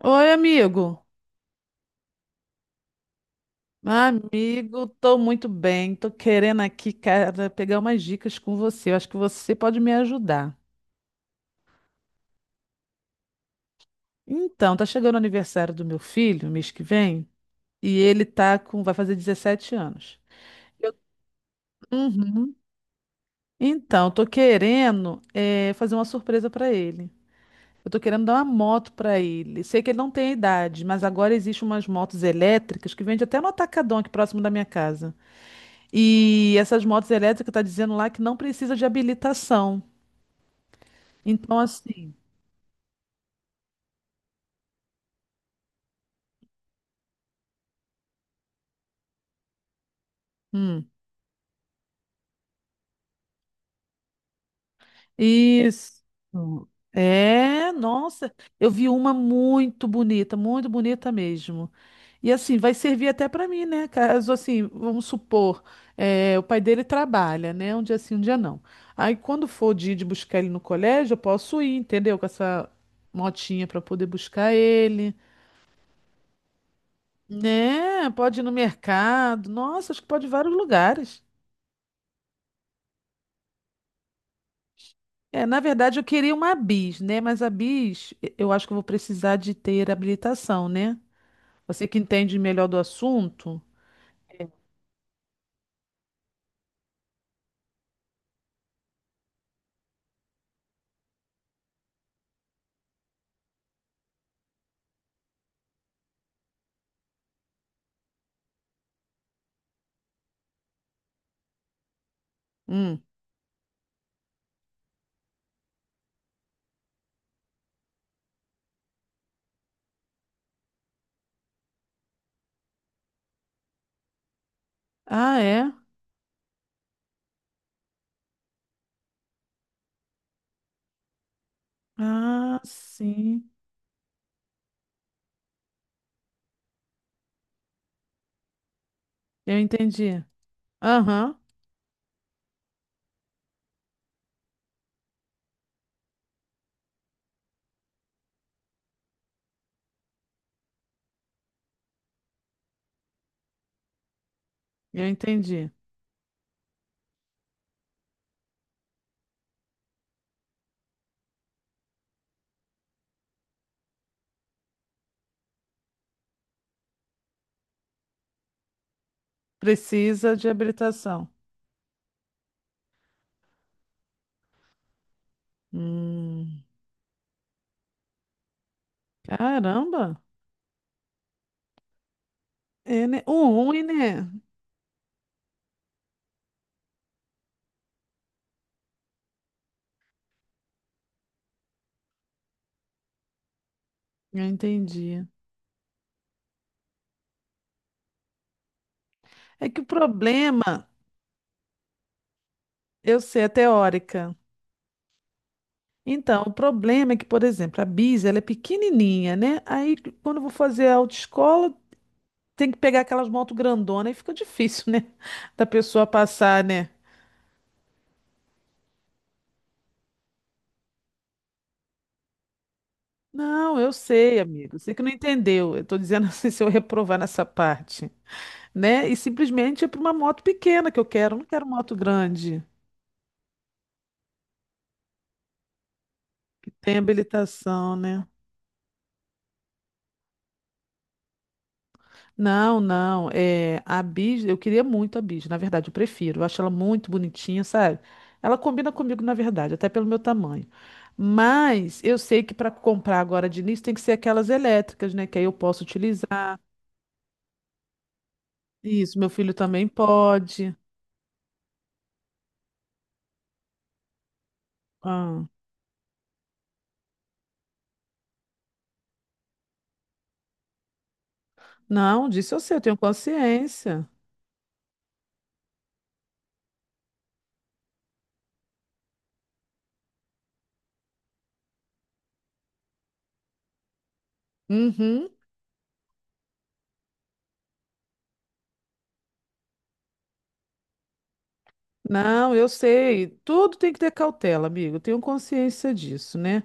Oi, amigo. Amigo, tô muito bem. Tô querendo aqui, cara, pegar umas dicas com você. Eu acho que você pode me ajudar. Então, tá chegando o aniversário do meu filho, mês que vem, e vai fazer 17 anos. Eu- Uhum. Então, tô querendo fazer uma surpresa para ele. Eu tô querendo dar uma moto para ele. Sei que ele não tem a idade, mas agora existem umas motos elétricas que vende até no Atacadão aqui próximo da minha casa. E essas motos elétricas tá dizendo lá que não precisa de habilitação. Então, assim, hum, isso. É, nossa, eu vi uma muito bonita mesmo. E assim, vai servir até para mim, né? Caso assim, vamos supor, o pai dele trabalha, né? Um dia sim, um dia não. Aí quando for o dia de buscar ele no colégio, eu posso ir, entendeu? Com essa motinha para poder buscar ele. Né? Pode ir no mercado. Nossa, acho que pode ir em vários lugares. É, na verdade, eu queria uma bis, né? Mas a bis, eu acho que eu vou precisar de ter habilitação, né? Você que entende melhor do assunto. Hum. Ah, é? Ah, sim. Eu entendi. Aham, eu entendi. Precisa de habilitação. Hum. Caramba. É, né? O ruim, né? Eu entendi. É que o problema, eu sei, é teórica. Então, o problema é que, por exemplo, a Bis, ela é pequenininha, né? Aí, quando eu vou fazer a autoescola, tem que pegar aquelas motos grandonas e fica difícil, né? Da pessoa passar, né? Não, eu sei, amigo. Você que não entendeu. Eu tô dizendo assim, se eu reprovar nessa parte, né? E simplesmente é para uma moto pequena que eu quero. Eu não quero moto grande, que tem habilitação, né? Não, não. É, a Bis, eu queria muito a Bis. Na verdade, eu prefiro. Eu acho ela muito bonitinha, sabe? Ela combina comigo, na verdade, até pelo meu tamanho. Mas eu sei que para comprar agora de início tem que ser aquelas elétricas, né? Que aí eu posso utilizar. Isso, meu filho também pode. Ah, não, disso eu sei, eu tenho consciência. Uhum. Não, eu sei. Tudo tem que ter cautela, amigo. Eu tenho consciência disso, né?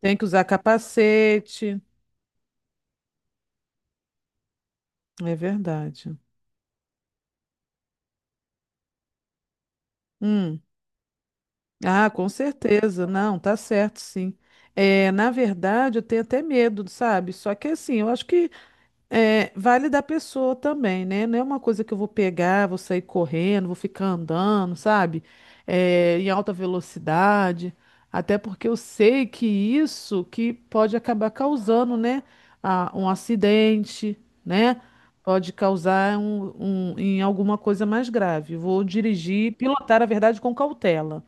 Tem que usar capacete. É verdade. Hum. Ah, com certeza. Não, tá certo, sim. É, na verdade, eu tenho até medo, sabe? Só que assim, eu acho que vale da pessoa também, né? Não é uma coisa que eu vou pegar, vou sair correndo, vou ficar andando, sabe? É, em alta velocidade. Até porque eu sei que isso que pode acabar causando, né? Um acidente, né? Pode causar em alguma coisa mais grave. Vou dirigir, pilotar, na verdade, com cautela.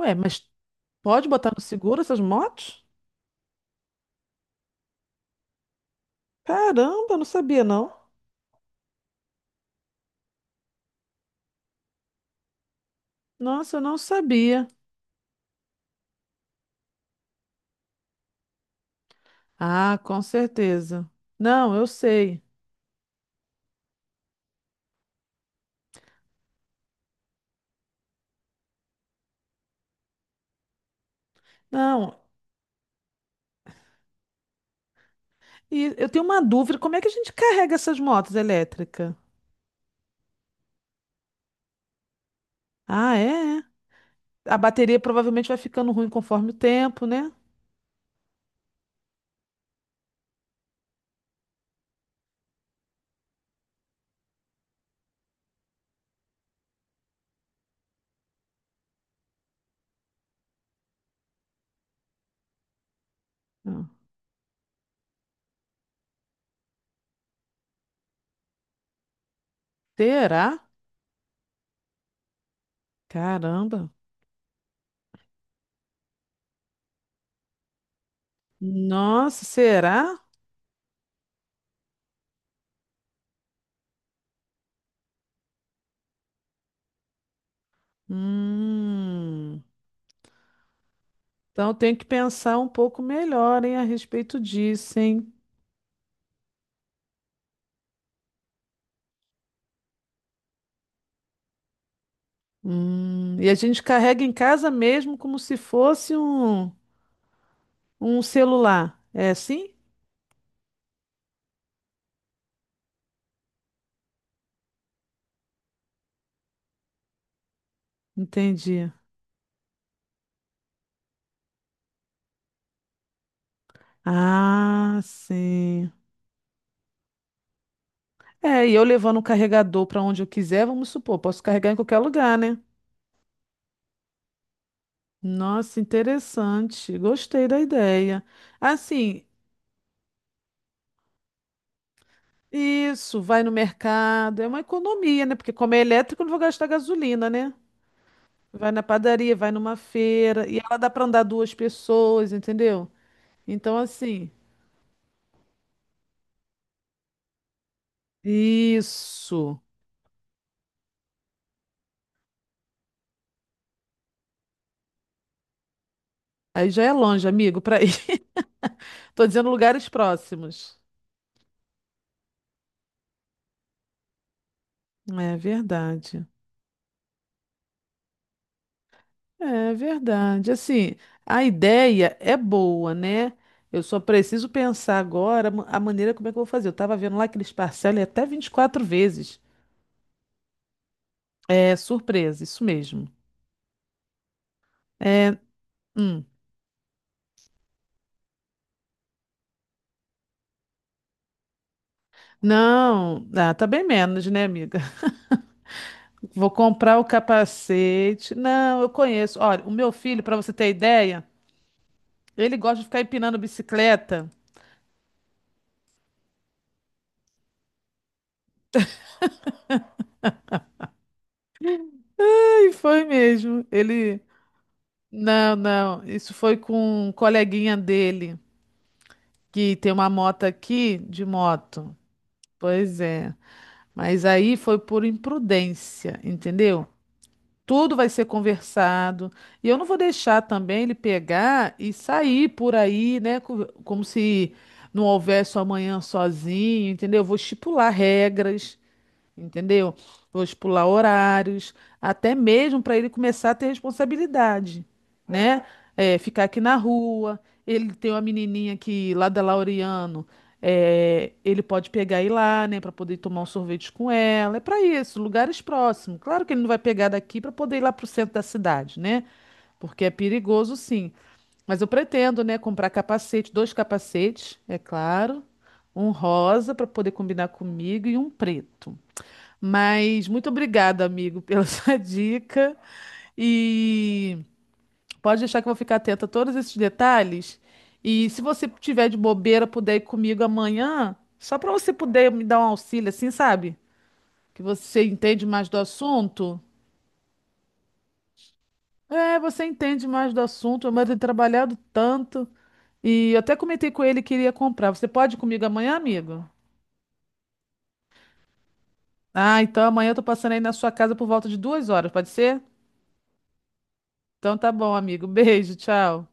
Ué, mas pode botar no seguro essas motos? Caramba, não sabia não. Nossa, eu não sabia. Ah, com certeza. Não, eu sei. Não. E eu tenho uma dúvida, como é que a gente carrega essas motos elétricas? Ah, é? É. A bateria provavelmente vai ficando ruim conforme o tempo, né? Ah, será? Caramba. Nossa, será? Hum. Então eu tenho que pensar um pouco melhor, hein, a respeito disso, hein? E a gente carrega em casa mesmo como se fosse um, celular. É assim? Entendi. Ah, sim. É, e eu levando o carregador para onde eu quiser, vamos supor, posso carregar em qualquer lugar, né? Nossa, interessante. Gostei da ideia. Assim, isso, vai no mercado, é uma economia, né? Porque como é elétrico, eu não vou gastar gasolina, né? Vai na padaria, vai numa feira, e ela dá para andar duas pessoas, entendeu? Então, assim. Isso. Aí já é longe, amigo, para ir. Tô dizendo lugares próximos. É verdade. É verdade. Assim, a ideia é boa, né? Eu só preciso pensar agora a maneira como é que eu vou fazer. Eu tava vendo lá que eles parcelam em até 24 vezes. É surpresa, isso mesmo. É, hum. Não, ah, tá bem menos, né, amiga? Vou comprar o capacete. Não, eu conheço. Olha, o meu filho, para você ter ideia, ele gosta de ficar empinando bicicleta. E foi mesmo. Ele. Não, não. Isso foi com um coleguinha dele, que tem uma moto aqui de moto. Pois é. Mas aí foi por imprudência, entendeu? Tudo vai ser conversado. E eu não vou deixar também ele pegar e sair por aí, né? Como se não houvesse um amanhã sozinho, entendeu? Eu vou estipular regras. Entendeu? Vou pular horários, até mesmo para ele começar a ter responsabilidade, né? É, ficar aqui na rua. Ele tem uma menininha que lá da Laureano, ele pode pegar e ir lá, né, para poder tomar um sorvete com ela. É para isso, lugares próximos. Claro que ele não vai pegar daqui para poder ir lá para o centro da cidade, né? Porque é perigoso, sim. Mas eu pretendo, né, comprar capacete, dois capacetes, é claro, um rosa para poder combinar comigo e um preto. Mas muito obrigada, amigo, pela sua dica. E pode deixar que eu vou ficar atenta a todos esses detalhes. E se você tiver de bobeira, puder ir comigo amanhã, só para você poder me dar um auxílio, assim, sabe? Que você entende mais do assunto. É, você entende mais do assunto, mas tem trabalhado tanto. E eu até comentei com ele que iria comprar. Você pode ir comigo amanhã, amigo? Ah, então amanhã eu tô passando aí na sua casa por volta de 2 horas, pode ser? Então tá bom, amigo. Beijo, tchau.